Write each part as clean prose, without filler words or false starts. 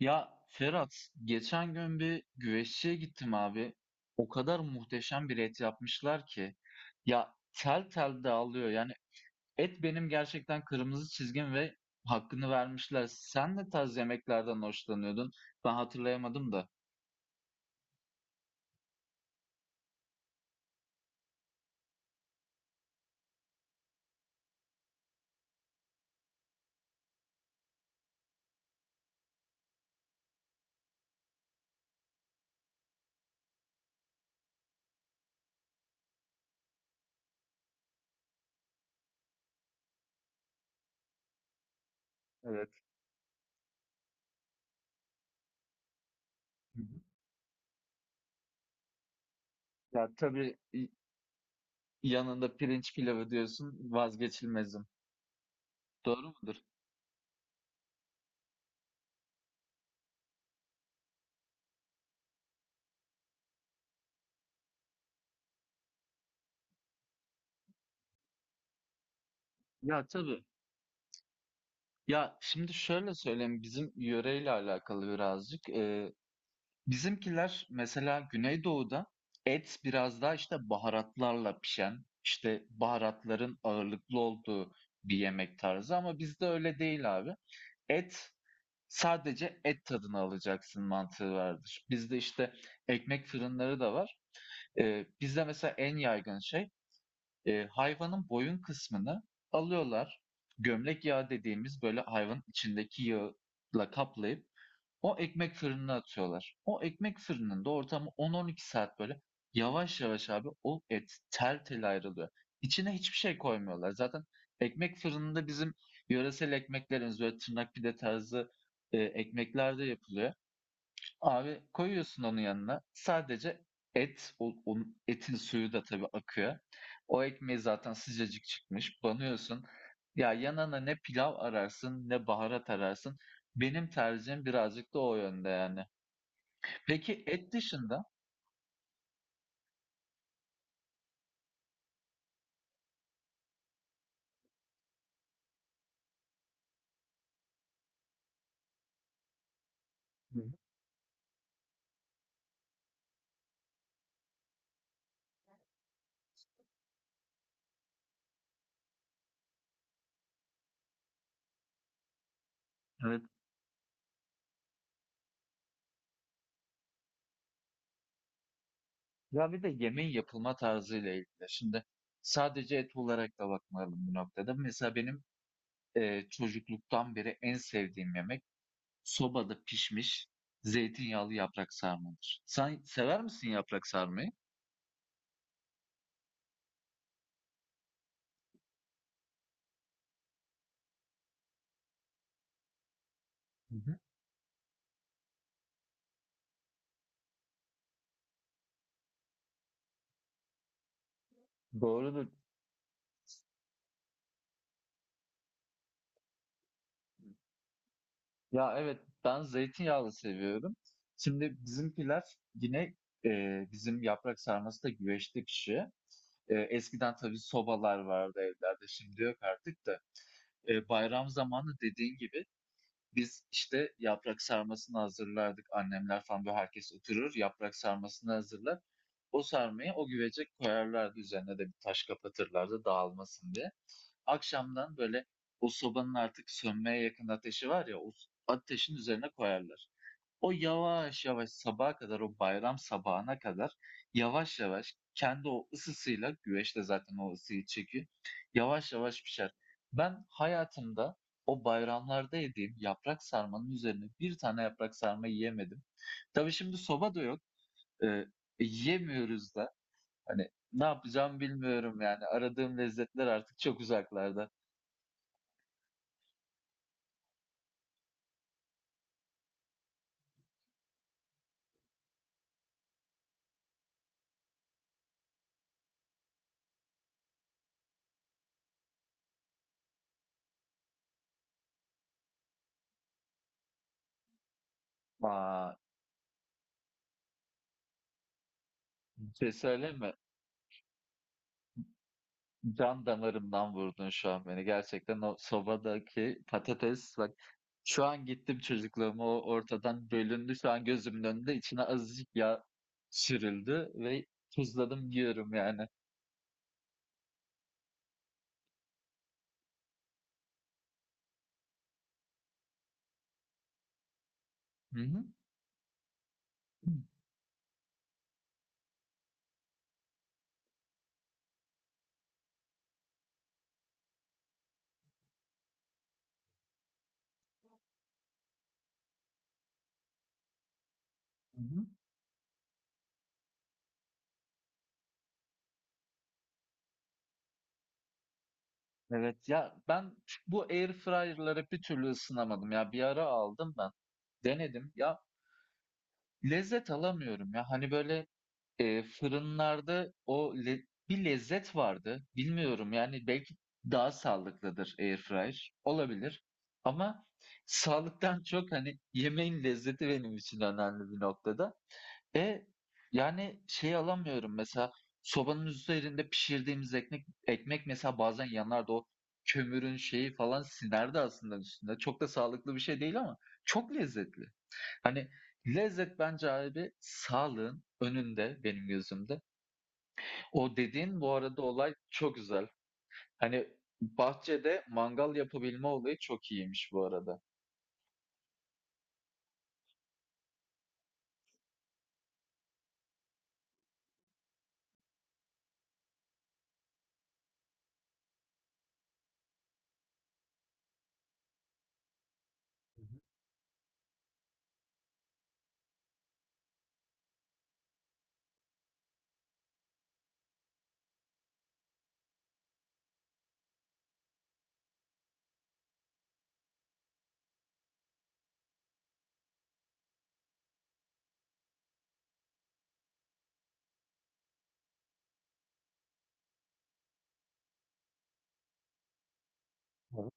Ya Ferhat, geçen gün bir güveççiye gittim abi. O kadar muhteşem bir et yapmışlar ki. Ya tel tel dağılıyor. Yani et benim gerçekten kırmızı çizgim ve hakkını vermişler. Sen ne tarz yemeklerden hoşlanıyordun? Ben hatırlayamadım da. Evet. Hı hı. Ya tabii yanında pirinç pilavı diyorsun vazgeçilmezim. Doğru mudur? Ya tabii. Ya şimdi şöyle söyleyeyim bizim yöreyle alakalı birazcık. Bizimkiler mesela Güneydoğu'da et biraz daha işte baharatlarla pişen, işte baharatların ağırlıklı olduğu bir yemek tarzı ama bizde öyle değil abi. Et sadece et tadını alacaksın mantığı vardır. Bizde işte ekmek fırınları da var. Bizde mesela en yaygın şey hayvanın boyun kısmını alıyorlar. Gömlek yağı dediğimiz böyle hayvanın içindeki yağla kaplayıp o ekmek fırınına atıyorlar. O ekmek fırınında ortamı 10-12 saat böyle yavaş yavaş abi o et tel tel ayrılıyor. İçine hiçbir şey koymuyorlar. Zaten ekmek fırınında bizim yöresel ekmeklerimiz böyle tırnak pide tarzı ekmekler de yapılıyor. Abi koyuyorsun onun yanına. Sadece et, onun etin suyu da tabii akıyor. O ekmeği zaten sıcacık çıkmış. Banıyorsun. Ya yanına ne pilav ararsın, ne baharat ararsın. Benim tercihim birazcık da o yönde yani. Peki et dışında. Hı hı. Evet, ya bir de yemeğin yapılma tarzıyla ilgili. Şimdi sadece et olarak da bakmayalım bu noktada. Mesela benim çocukluktan beri en sevdiğim yemek sobada pişmiş zeytinyağlı yaprak sarmadır. Sen sever misin yaprak sarmayı? Hı hı. Doğrudur. Ya evet ben zeytinyağlı seviyorum. Şimdi bizimkiler yine e, bizim yaprak sarması da güveçte pişiyor. Eskiden tabii sobalar vardı evlerde, şimdi yok artık da. Bayram zamanı dediğin gibi biz, işte, yaprak sarmasını hazırlardık. Annemler falan, böyle, herkes oturur, yaprak sarmasını hazırlar. O sarmayı o güvece koyarlardı. Üzerine de bir taş kapatırlardı dağılmasın diye. Akşamdan, böyle, o sobanın artık sönmeye yakın ateşi var ya, o ateşin üzerine koyarlar. O yavaş yavaş sabaha kadar, o bayram sabahına kadar yavaş yavaş kendi o ısısıyla, güveç de zaten o ısıyı çekiyor, yavaş yavaş pişer. Ben hayatımda o bayramlarda yediğim yaprak sarmanın üzerine bir tane yaprak sarma yiyemedim. Tabii şimdi soba da yok. Eee, yiyemiyoruz da. Hani ne yapacağım bilmiyorum yani. Aradığım lezzetler artık çok uzaklarda. Aa, bir şey söyleme. Can damarımdan vurdun şu an beni. Gerçekten o sobadaki patates bak, şu an gittim çocukluğuma, o ortadan bölündü. Şu an gözümün önünde içine azıcık yağ sürüldü ve tuzladım yiyorum yani. Hı hı. Hı hı. Evet ya, ben bu air fryer'ları bir türlü ısınamadım ya, bir ara aldım ben, denedim ya, lezzet alamıyorum ya, hani böyle. Fırınlarda o le bir lezzet vardı. Bilmiyorum, yani, belki daha sağlıklıdır airfryer, olabilir ama sağlıktan çok, hani, yemeğin lezzeti benim için önemli bir noktada. E yani şey alamıyorum mesela, sobanın üzerinde pişirdiğimiz ekmek mesela bazen yanardı, o kömürün şeyi falan sinerdi aslında üstünde. Çok da sağlıklı bir şey değil ama çok lezzetli. Hani lezzet bence abi sağlığın önünde benim gözümde. O dediğin bu arada olay çok güzel. Hani bahçede mangal yapabilme olayı çok iyiymiş bu arada. Hı hı. Evet.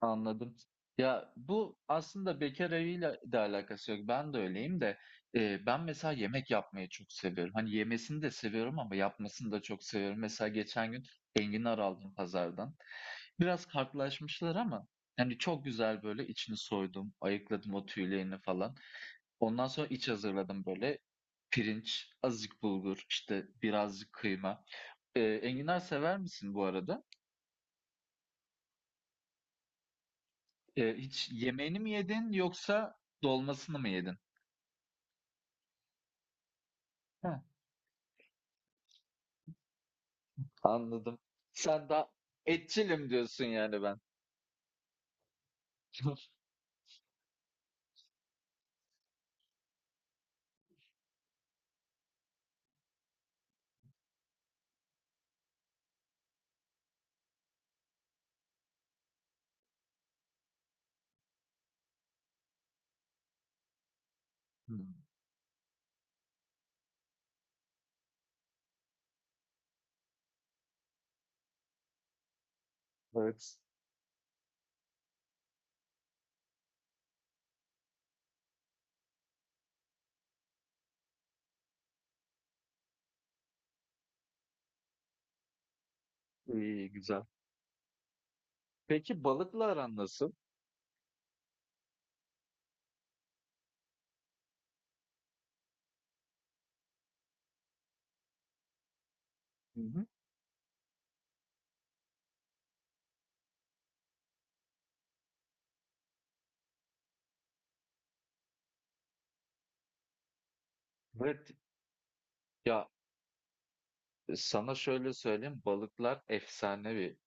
Anladım. Ya, bu aslında bekâr eviyle de alakası yok. Ben de öyleyim de, ben mesela yemek yapmayı çok seviyorum. Hani, yemesini de seviyorum ama yapmasını da çok seviyorum. Mesela geçen gün enginar aldım pazardan. Biraz kartlaşmışlar ama, hani, çok güzel böyle içini soydum, ayıkladım o tüylerini falan. Ondan sonra iç hazırladım böyle. Pirinç, azıcık bulgur, işte, birazcık kıyma. Enginar sever misin bu arada? Hiç yemeğini mi yedin yoksa dolmasını mı yedin? Heh, anladım. Sen daha etçilim diyorsun yani ben. Hımm, evet. İyi, güzel. Peki balıkla aran nasıl? Hı hı. Evet. Ya, sana şöyle söyleyeyim, balıklar efsanevi,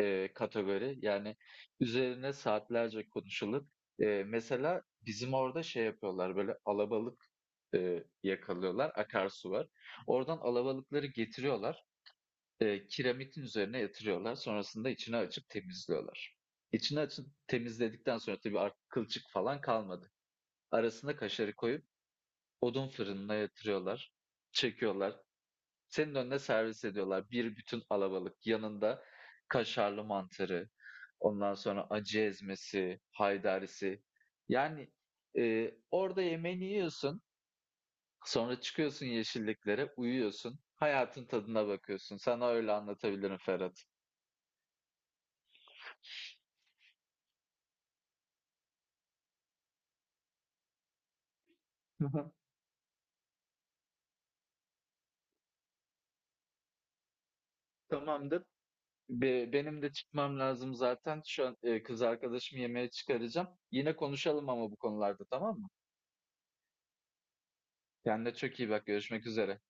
kategori. Yani üzerine saatlerce konuşulur. Mesela bizim orada şey yapıyorlar, böyle alabalık, yakalıyorlar, akarsu var. Oradan alabalıkları getiriyorlar. Kiremitin üzerine yatırıyorlar. Sonrasında içine açıp temizliyorlar. İçine açıp temizledikten sonra tabii artık kılçık falan kalmadı. Arasına kaşarı koyup odun fırınına yatırıyorlar. Çekiyorlar. Senin önüne servis ediyorlar. Bir bütün alabalık. Yanında kaşarlı mantarı. Ondan sonra acı ezmesi, haydarisi. Yani orada yemeğini yiyorsun. Sonra çıkıyorsun yeşilliklere, uyuyorsun. Hayatın tadına bakıyorsun. Sana öyle anlatabilirim Ferhat. Tamamdır. Benim de çıkmam lazım zaten. Şu an kız arkadaşımı yemeğe çıkaracağım. Yine konuşalım ama bu konularda, tamam mı? Kendine çok iyi bak. Görüşmek üzere.